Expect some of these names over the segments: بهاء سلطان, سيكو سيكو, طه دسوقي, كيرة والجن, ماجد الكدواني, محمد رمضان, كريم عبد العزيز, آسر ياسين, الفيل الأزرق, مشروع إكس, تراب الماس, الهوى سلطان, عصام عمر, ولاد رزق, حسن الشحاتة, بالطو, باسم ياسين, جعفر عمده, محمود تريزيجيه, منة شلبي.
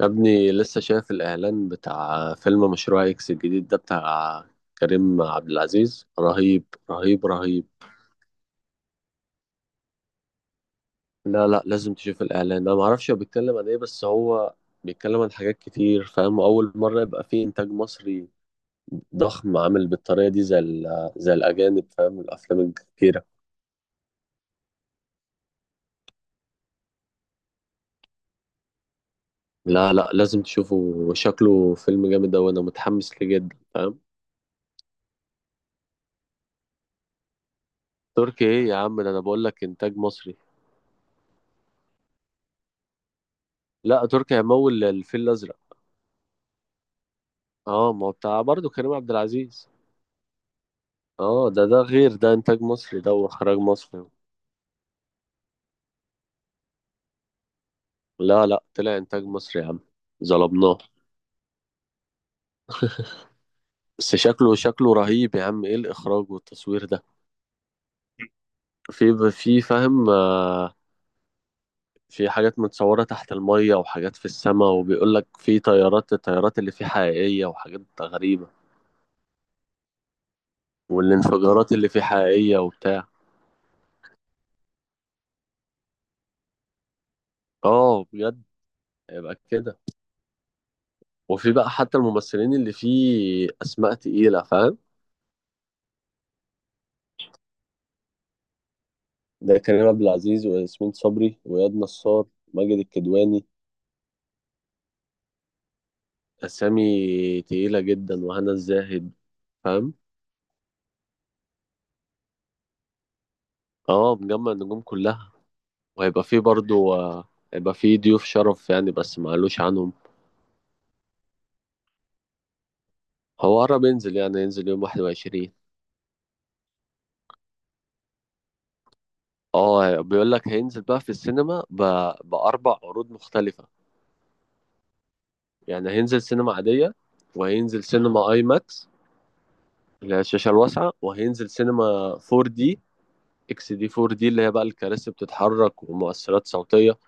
يا ابني لسه شايف الإعلان بتاع فيلم مشروع إكس الجديد ده، بتاع كريم عبد العزيز. رهيب، رهيب رهيب. لا لا، لازم تشوف الإعلان، أنا معرفش هو بيتكلم عن إيه، بس هو بيتكلم عن حاجات كتير، فاهم؟ أول مرة يبقى فيه إنتاج مصري ضخم عامل بالطريقة دي، زي الأجانب، فاهم الأفلام الكتيرة. لا لا، لازم تشوفه، وشكله فيلم جامد أوي، أنا متحمس ليه جدا، فاهم. تركي إيه يا عم؟ ده أنا بقول لك إنتاج مصري. لا، تركي هيمول الفيل الأزرق. اه، ما هو بتاع برضه كريم عبد العزيز. اه، ده غير، ده انتاج مصري، ده واخراج مصري. لا لا، طلع انتاج مصري يا عم. ظلمناه. بس شكله، شكله رهيب يا عم، ايه الاخراج والتصوير ده؟ في فاهم آه، في حاجات متصورة تحت المية، وحاجات في السماء، وبيقول لك في طيارات، الطيارات اللي فيه حقيقية، وحاجات غريبة، والانفجارات اللي فيه حقيقية وبتاع. اه بجد، يبقى كده. وفي بقى حتى الممثلين اللي فيه اسماء تقيلة، فاهم. ده كريم عبد العزيز وياسمين صبري وإياد نصار ماجد الكدواني، أسامي تقيلة جدا، وهنا الزاهد، فاهم. اه، مجمع النجوم كلها. وهيبقى فيه برضو آه، هيبقى فيه ضيوف شرف يعني، بس معلوش عنهم. هو قرب ينزل، يعني ينزل يوم 21. اه، بيقول لك هينزل بقى في السينما بأربع عروض مختلفة. يعني هينزل سينما عادية، وهينزل سينما اي ماكس اللي هي الشاشة الواسعة، وهينزل سينما 4 دي، اكس دي، 4 دي اللي هي بقى الكراسي بتتحرك ومؤثرات صوتيه،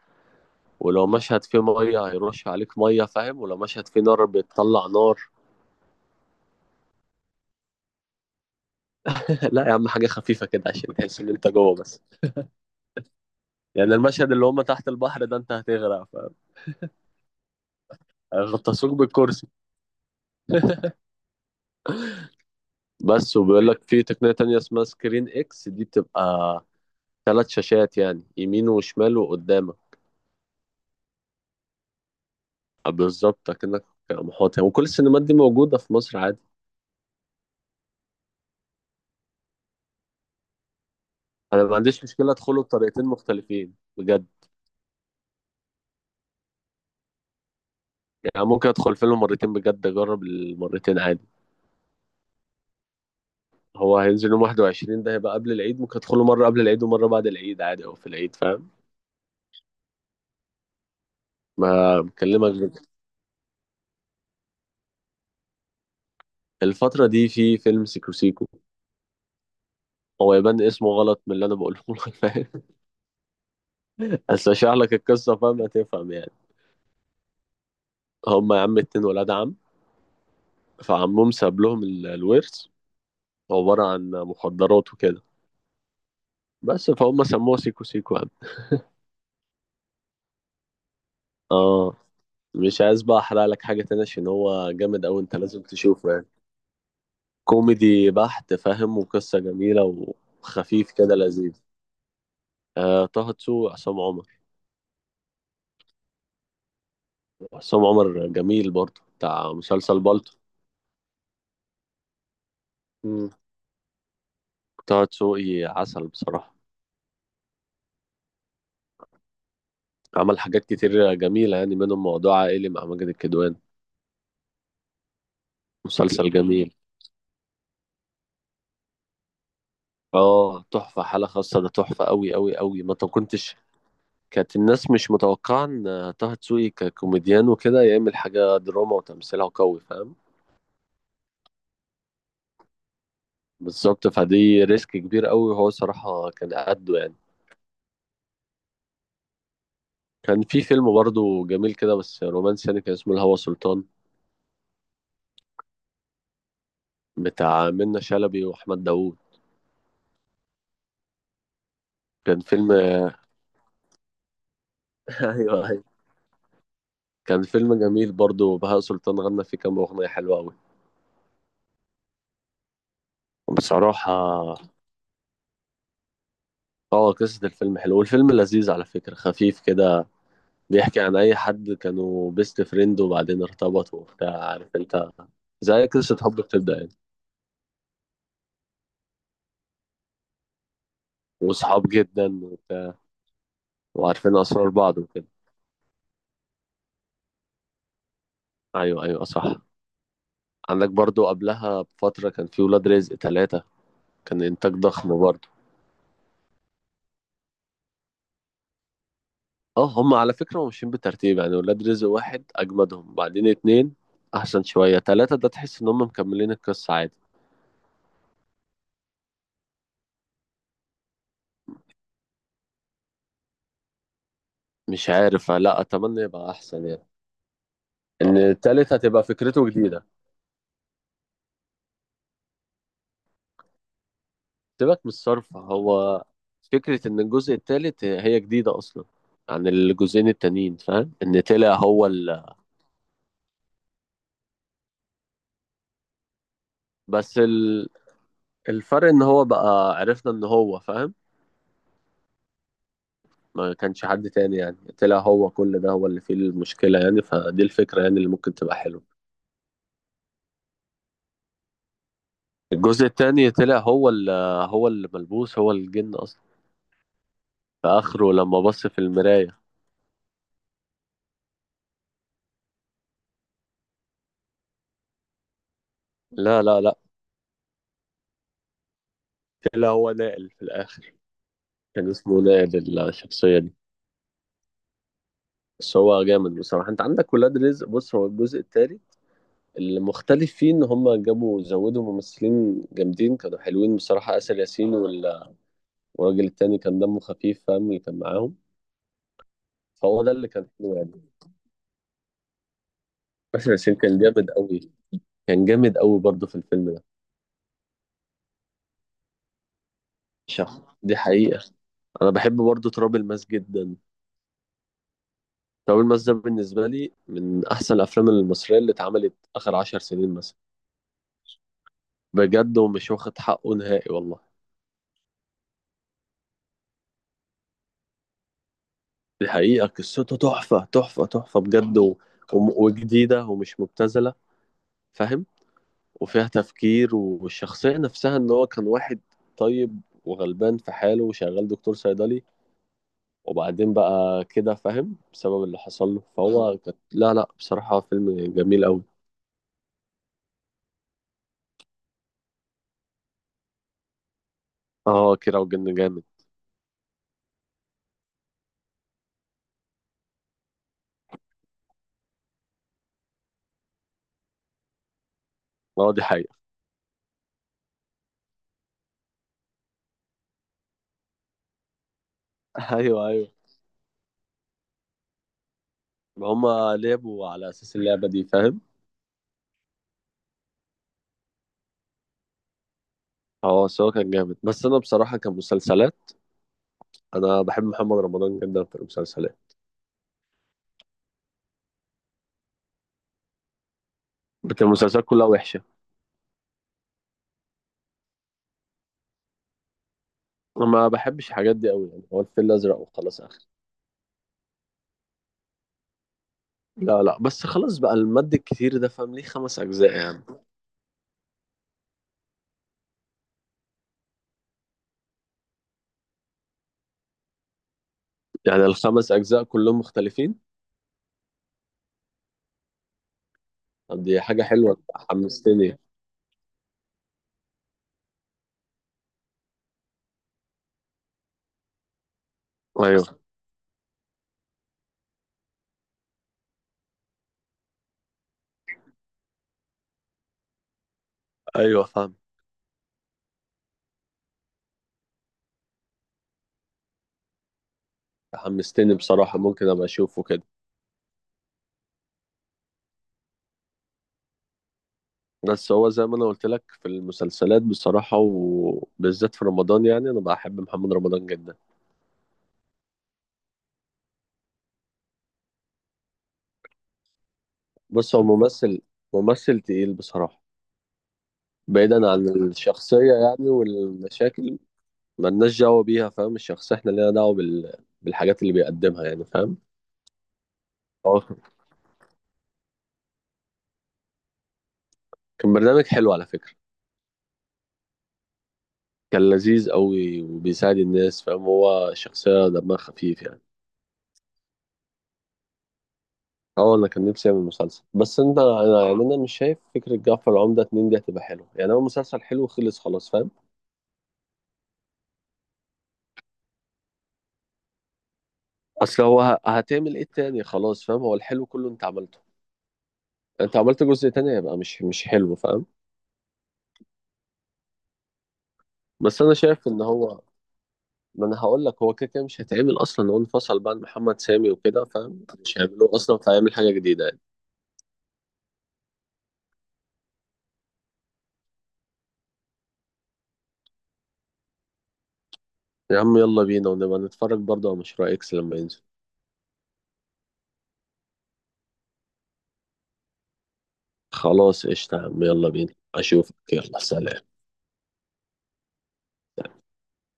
ولو مشهد فيه ميه هيرش عليك ميه، فاهم، ولو مشهد فيه نار بيطلع نار. لا يا عم، حاجه خفيفه كده عشان تحس ان انت جوه بس، يعني المشهد اللي هم تحت البحر ده انت هتغرق، فغطسوك بالكرسي بس. وبيقول لك في تقنيه تانية اسمها سكرين اكس دي، بتبقى ثلاث شاشات، يعني يمين وشمال وقدامك. آه، بالظبط، كأنك محاط يعني. وكل السينمات دي موجوده في مصر عادي. انا ما عنديش مشكله ادخله بطريقتين مختلفين بجد، يعني ممكن ادخل فيلم مرتين بجد، اجرب المرتين عادي. هو هينزل يوم 21 ده، هيبقى قبل العيد، ممكن ادخله مره قبل العيد ومره بعد العيد عادي، او في العيد، فاهم. ما بكلمك بجد. الفتره دي في فيلم سيكو سيكو. هو يبان اسمه غلط من اللي انا بقوله لك، فاهم. بس اشرح لك القصه، فاهم هتفهم يعني. هما يا عم اتنين ولاد عم، فعمهم ساب لهم الورث، عباره عن مخدرات وكده، بس فهم سموه سيكو سيكو يعني. اه، مش عايز بقى احرق لك حاجه تانية، عشان هو جامد اوي، انت لازم تشوفه يعني. كوميدي بحت، فاهم، وقصة جميلة وخفيف كده، لذيذ. آه، طه دسوقي، عصام عمر. عصام عمر جميل برضه، بتاع مسلسل بالطو. مم. طه دسوقي عسل بصراحة. عمل حاجات كتير جميلة، يعني منهم موضوع عائلي مع ماجد الكدواني، مسلسل جميل. اه، تحفة، حالة خاصة ده تحفة أوي أوي أوي، ما كنتش، كانت الناس مش متوقعة إن طه دسوقي ككوميديان وكده يعمل حاجة دراما، وتمثيلها قوي، فاهم. بالظبط، فدي ريسك كبير أوي، وهو صراحة كان قده يعني. كان في فيلم برضه جميل كده بس رومانسي يعني، كان اسمه الهوى سلطان، بتاع منة شلبي واحمد داوود. كان فيلم ايوه ايوه، كان فيلم جميل برضه، بهاء سلطان غنى فيه كام اغنيه حلوه قوي بصراحه. اه، قصه الفيلم حلوه، والفيلم لذيذ على فكره، خفيف كده، بيحكي عن اي حد كانوا بيست فريند وبعدين ارتبطوا وبتاع، عارف انت، زي قصه حب بتبدا يعني، وصحاب جدا وبتاع، وعارفين اسرار بعض وكده. ايوه ايوه صح. عندك برضو قبلها بفتره كان في ولاد رزق ثلاثه، كان انتاج ضخم برضه. اه، هم على فكره ماشيين بترتيب، يعني ولاد رزق واحد اجمدهم، بعدين اتنين احسن شويه، تلاته ده تحس ان هم مكملين القصه عادي. مش عارف، لا اتمنى يبقى احسن يعني، ان التالت هتبقى فكرته جديده. سيبك من الصرف، هو فكره ان الجزء التالت هي جديده اصلا عن الجزئين التانيين، فاهم، ان طلع هو بس ال... الفرق ان هو بقى عرفنا ان هو، فاهم، ما كانش حد تاني، يعني طلع هو كل ده، هو اللي فيه المشكلة يعني، فدي الفكرة يعني اللي ممكن تبقى حلوة. الجزء التاني طلع هو اللي، هو اللي ملبوس، هو الجن أصلا، في آخره لما بص في المراية. لا لا لا، طلع هو نائل في الآخر، كان اسمه نائل الشخصية دي. بس هو جامد بصراحة. أنت عندك ولاد رزق، بص، هو الجزء التاني المختلف فيه إن هما جابوا، زودوا ممثلين جامدين كانوا حلوين بصراحة، آسر ياسين والراجل التاني كان دمه خفيف، فاهم، اللي كان معاهم، فهو ده اللي كان حلو يعني. باسم ياسين كان جامد قوي، كان جامد قوي برضه في الفيلم ده، شخص دي حقيقة. أنا بحب برضه تراب الماس جدا. تراب الماس ده بالنسبة لي من أحسن الأفلام المصرية اللي اتعملت آخر عشر سنين مثلا، بجد، ومش واخد حقه نهائي والله. دي حقيقة، قصته تحفة تحفة تحفة بجد وجديدة ومش مبتذلة، فاهم، وفيها تفكير، والشخصية نفسها إن هو كان واحد طيب وغلبان في حاله وشغال دكتور صيدلي، وبعدين بقى كده فاهم بسبب اللي حصل له، فهو كانت، لا لا بصراحة فيلم جميل أوي. اه، كيرة والجن جامد. اه، دي حقيقة. ايوه ايوه، ما هما لعبوا على اساس اللعبة دي، فاهم. اه، سواء كان جامد، بس انا بصراحة كمسلسلات انا بحب محمد رمضان جدا في المسلسلات، بس المسلسلات كلها وحشة. أنا ما بحبش الحاجات دي أوي يعني، هو الفيل الأزرق وخلاص، آخر. لا لا، بس خلاص بقى المد الكتير ده، فاهم، ليه خمس أجزاء يعني؟ يعني الخمس أجزاء كلهم مختلفين. طب دي حاجة حلوة، حمستني. ايوه ايوه فاهم. حمستني بصراحة، ممكن ابقى اشوفه كده. بس هو زي ما انا قلت لك في المسلسلات بصراحة، وبالذات في رمضان يعني، انا بحب محمد رمضان جدا. بص، هو ممثل، ممثل تقيل بصراحة. بعيدا عن الشخصية يعني والمشاكل، ملناش دعوة بيها فاهم، الشخصية احنا لينا دعوة بالحاجات اللي بيقدمها يعني، فاهم. هو كان برنامج حلو على فكرة، كان لذيذ قوي وبيساعد الناس، فاهم، هو شخصية دمها خفيف يعني. اه انا كان نفسي اعمل مسلسل، بس انت انا يعني انا مش شايف فكره جعفر عمده اتنين دي هتبقى حلوه، يعني هو مسلسل حلو خلص خلاص، فاهم. اصل هو هتعمل ايه تاني خلاص، فاهم، هو الحلو كله انت عملته، انت عملت جزء تاني هيبقى مش حلو، فاهم. بس انا شايف ان هو، ما انا هقول لك، هو كده كده مش هيتعمل اصلا، هو انفصل بقى عن محمد سامي وكده، فاهم، مش هيعملوه اصلا، فهيعمل حاجه جديده يعني. يا عم يلا بينا، ونبقى نتفرج برضه على مشروع اكس لما ينزل. خلاص قشطه يا عم، يلا بينا، اشوفك، يلا سلام.